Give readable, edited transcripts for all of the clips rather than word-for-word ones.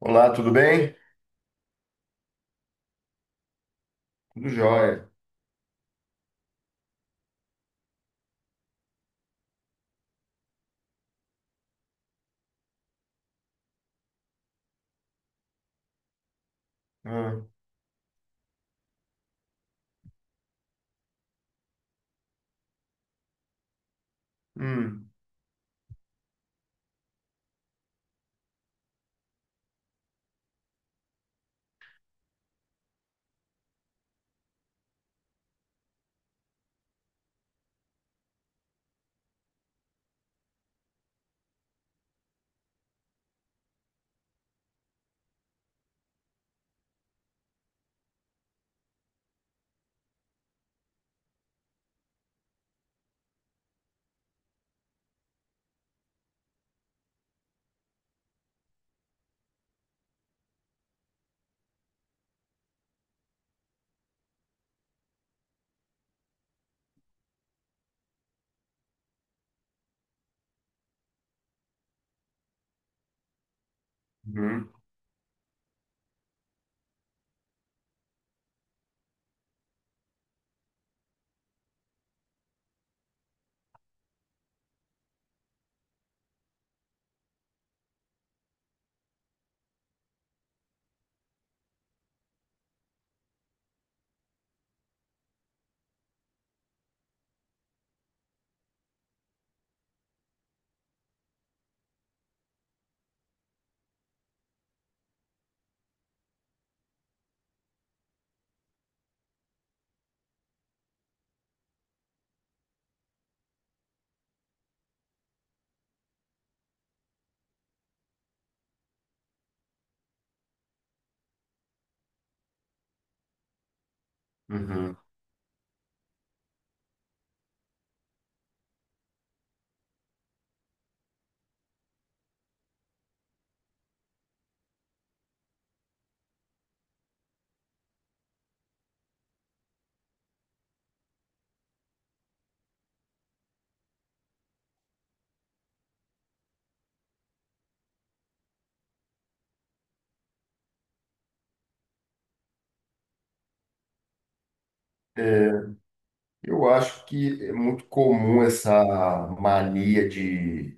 Olá, tudo bem? Tudo jóia. Ah, hum, uhum, uhum. É, eu acho que é muito comum essa mania de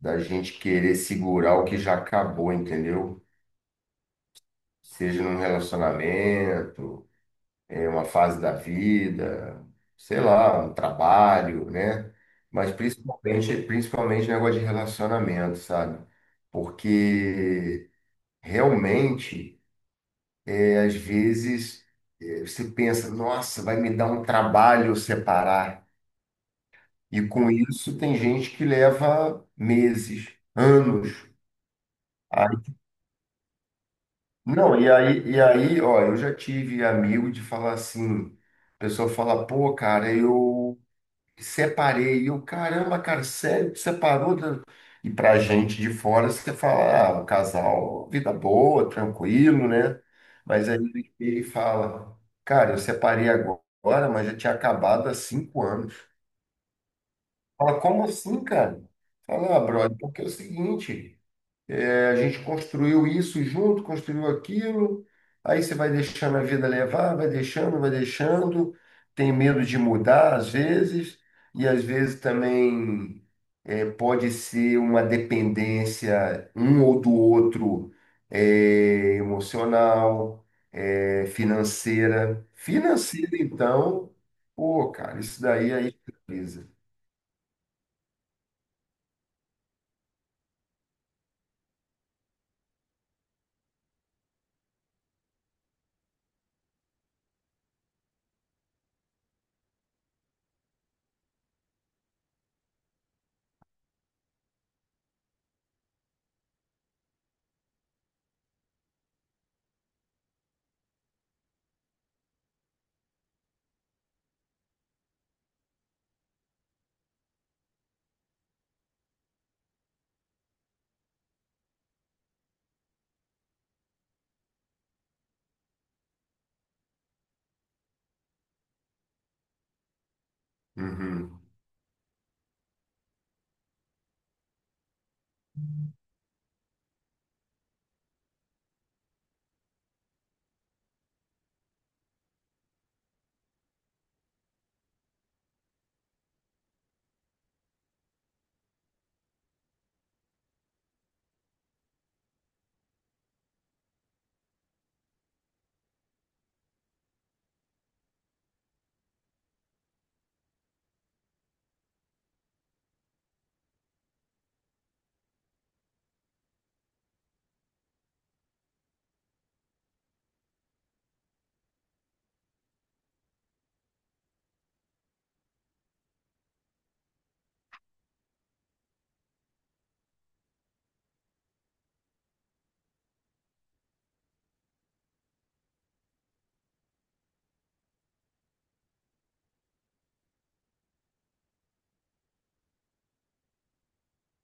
da gente querer segurar o que já acabou, entendeu? Seja num relacionamento, em uma fase da vida, sei lá, um trabalho, né? Mas principalmente negócio de relacionamento, sabe? Porque realmente. E às vezes você pensa, nossa, vai me dar um trabalho separar. E com isso tem gente que leva meses, anos. Aí- não, e aí, ó, eu já tive amigo de falar assim, a pessoa fala, pô, cara, eu separei. E eu, caramba, cara, sério que separou? E pra gente de fora, você fala, ah, um casal, vida boa, tranquilo, né? Mas aí ele fala, cara, eu separei agora, mas já tinha acabado há 5 anos. Fala, como assim, cara? Fala, ah, brother, porque é o seguinte. A gente construiu isso junto, construiu aquilo, aí você vai deixando a vida levar, vai deixando, tem medo de mudar às vezes, e às vezes também pode ser uma dependência um ou do outro, emocional, financeira. Financeira, então, pô, cara, isso daí aí precisa.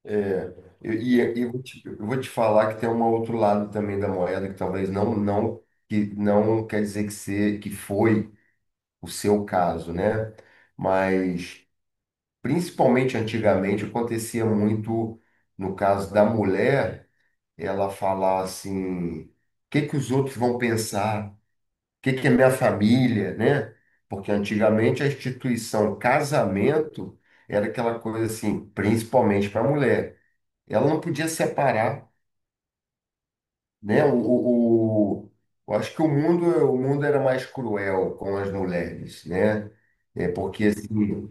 É, e, e eu vou te falar que tem um outro lado também da moeda que talvez não, que não quer dizer que se, que foi o seu caso, né? Mas principalmente antigamente acontecia muito no caso da mulher, ela falar assim, o que que os outros vão pensar? O que que é minha família, né? Porque antigamente a instituição casamento era aquela coisa assim, principalmente para a mulher. Ela não podia separar, né? Eu acho que o mundo era mais cruel com as mulheres, né? É porque assim,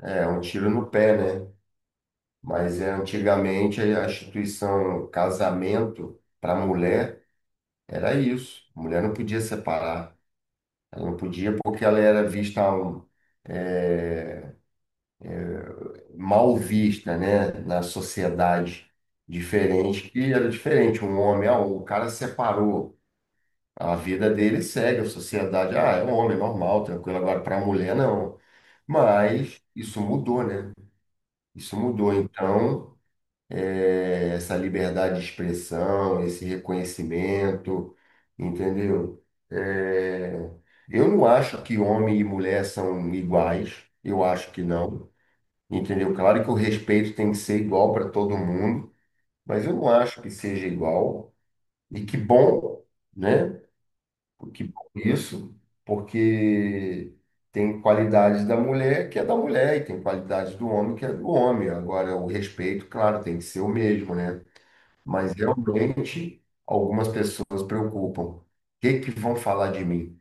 é um tiro no pé, né? Mas é, antigamente a instituição casamento para mulher era isso. A mulher não podia separar. Ela não podia porque ela era vista um, é, mal vista, né? Na sociedade diferente, que era diferente. Um homem, ah, o cara separou. A vida dele segue, a sociedade, ah, é um homem normal, tranquilo. Agora, para a mulher, não. Mas isso mudou, né? Isso mudou. Então, é, essa liberdade de expressão, esse reconhecimento, entendeu? É, eu não acho que homem e mulher são iguais. Eu acho que não. Entendeu? Claro que o respeito tem que ser igual para todo mundo, mas eu não acho que seja igual. E que bom, né? Que isso, porque tem qualidades da mulher que é da mulher e tem qualidades do homem que é do homem. Agora, o respeito, claro, tem que ser o mesmo, né? Mas realmente algumas pessoas preocupam. O que que vão falar de mim?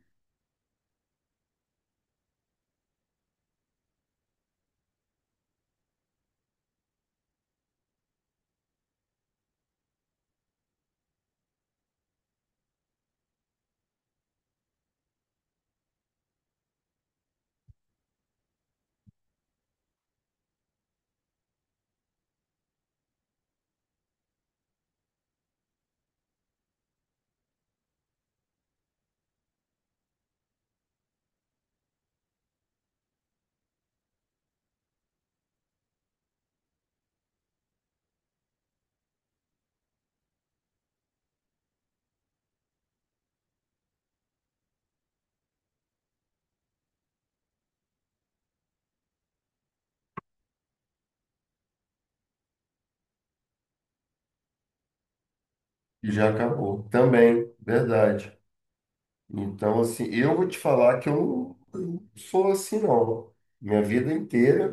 E já acabou. Também, verdade. Então, assim, eu vou te falar que eu não sou assim, não. Minha vida inteira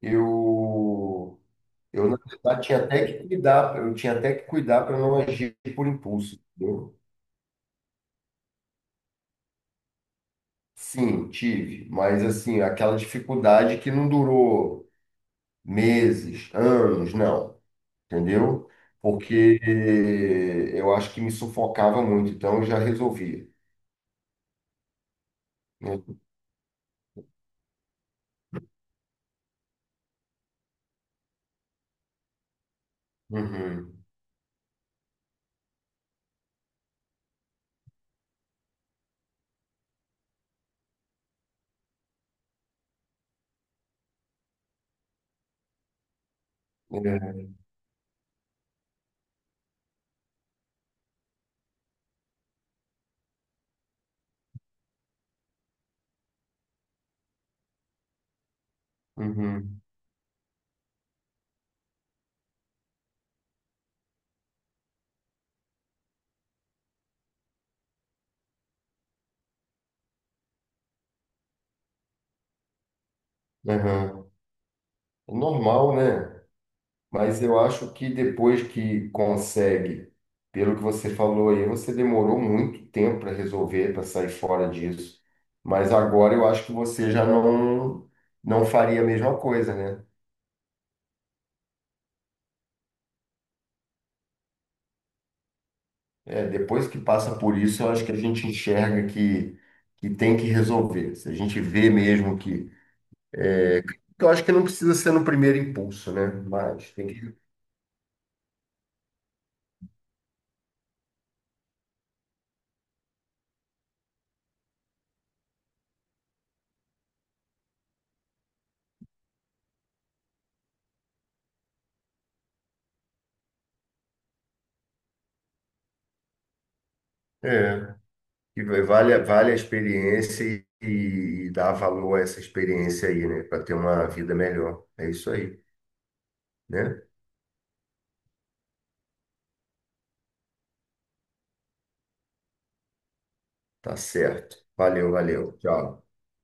eu. Eu, na verdade, tinha até que cuidar, eu tinha até que cuidar para não agir por impulso, entendeu? Sim, tive, mas assim, aquela dificuldade que não durou meses, anos, não, entendeu? Porque eu acho que me sufocava muito, então eu já resolvia. Né? Uhum. É, uhum, aham. É normal, né? Mas eu acho que depois que consegue, pelo que você falou aí, você demorou muito tempo para resolver, para sair fora disso. Mas agora eu acho que você já não, não faria a mesma coisa, né? É, depois que passa por isso, eu acho que a gente enxerga que tem que resolver. Se a gente vê mesmo que. Eu acho que não precisa ser no primeiro impulso, né? Mas tem que. É. E vale, vale a experiência e dar valor a essa experiência aí, né? Para ter uma vida melhor. É isso aí, né? Tá certo. Valeu, valeu. Tchau.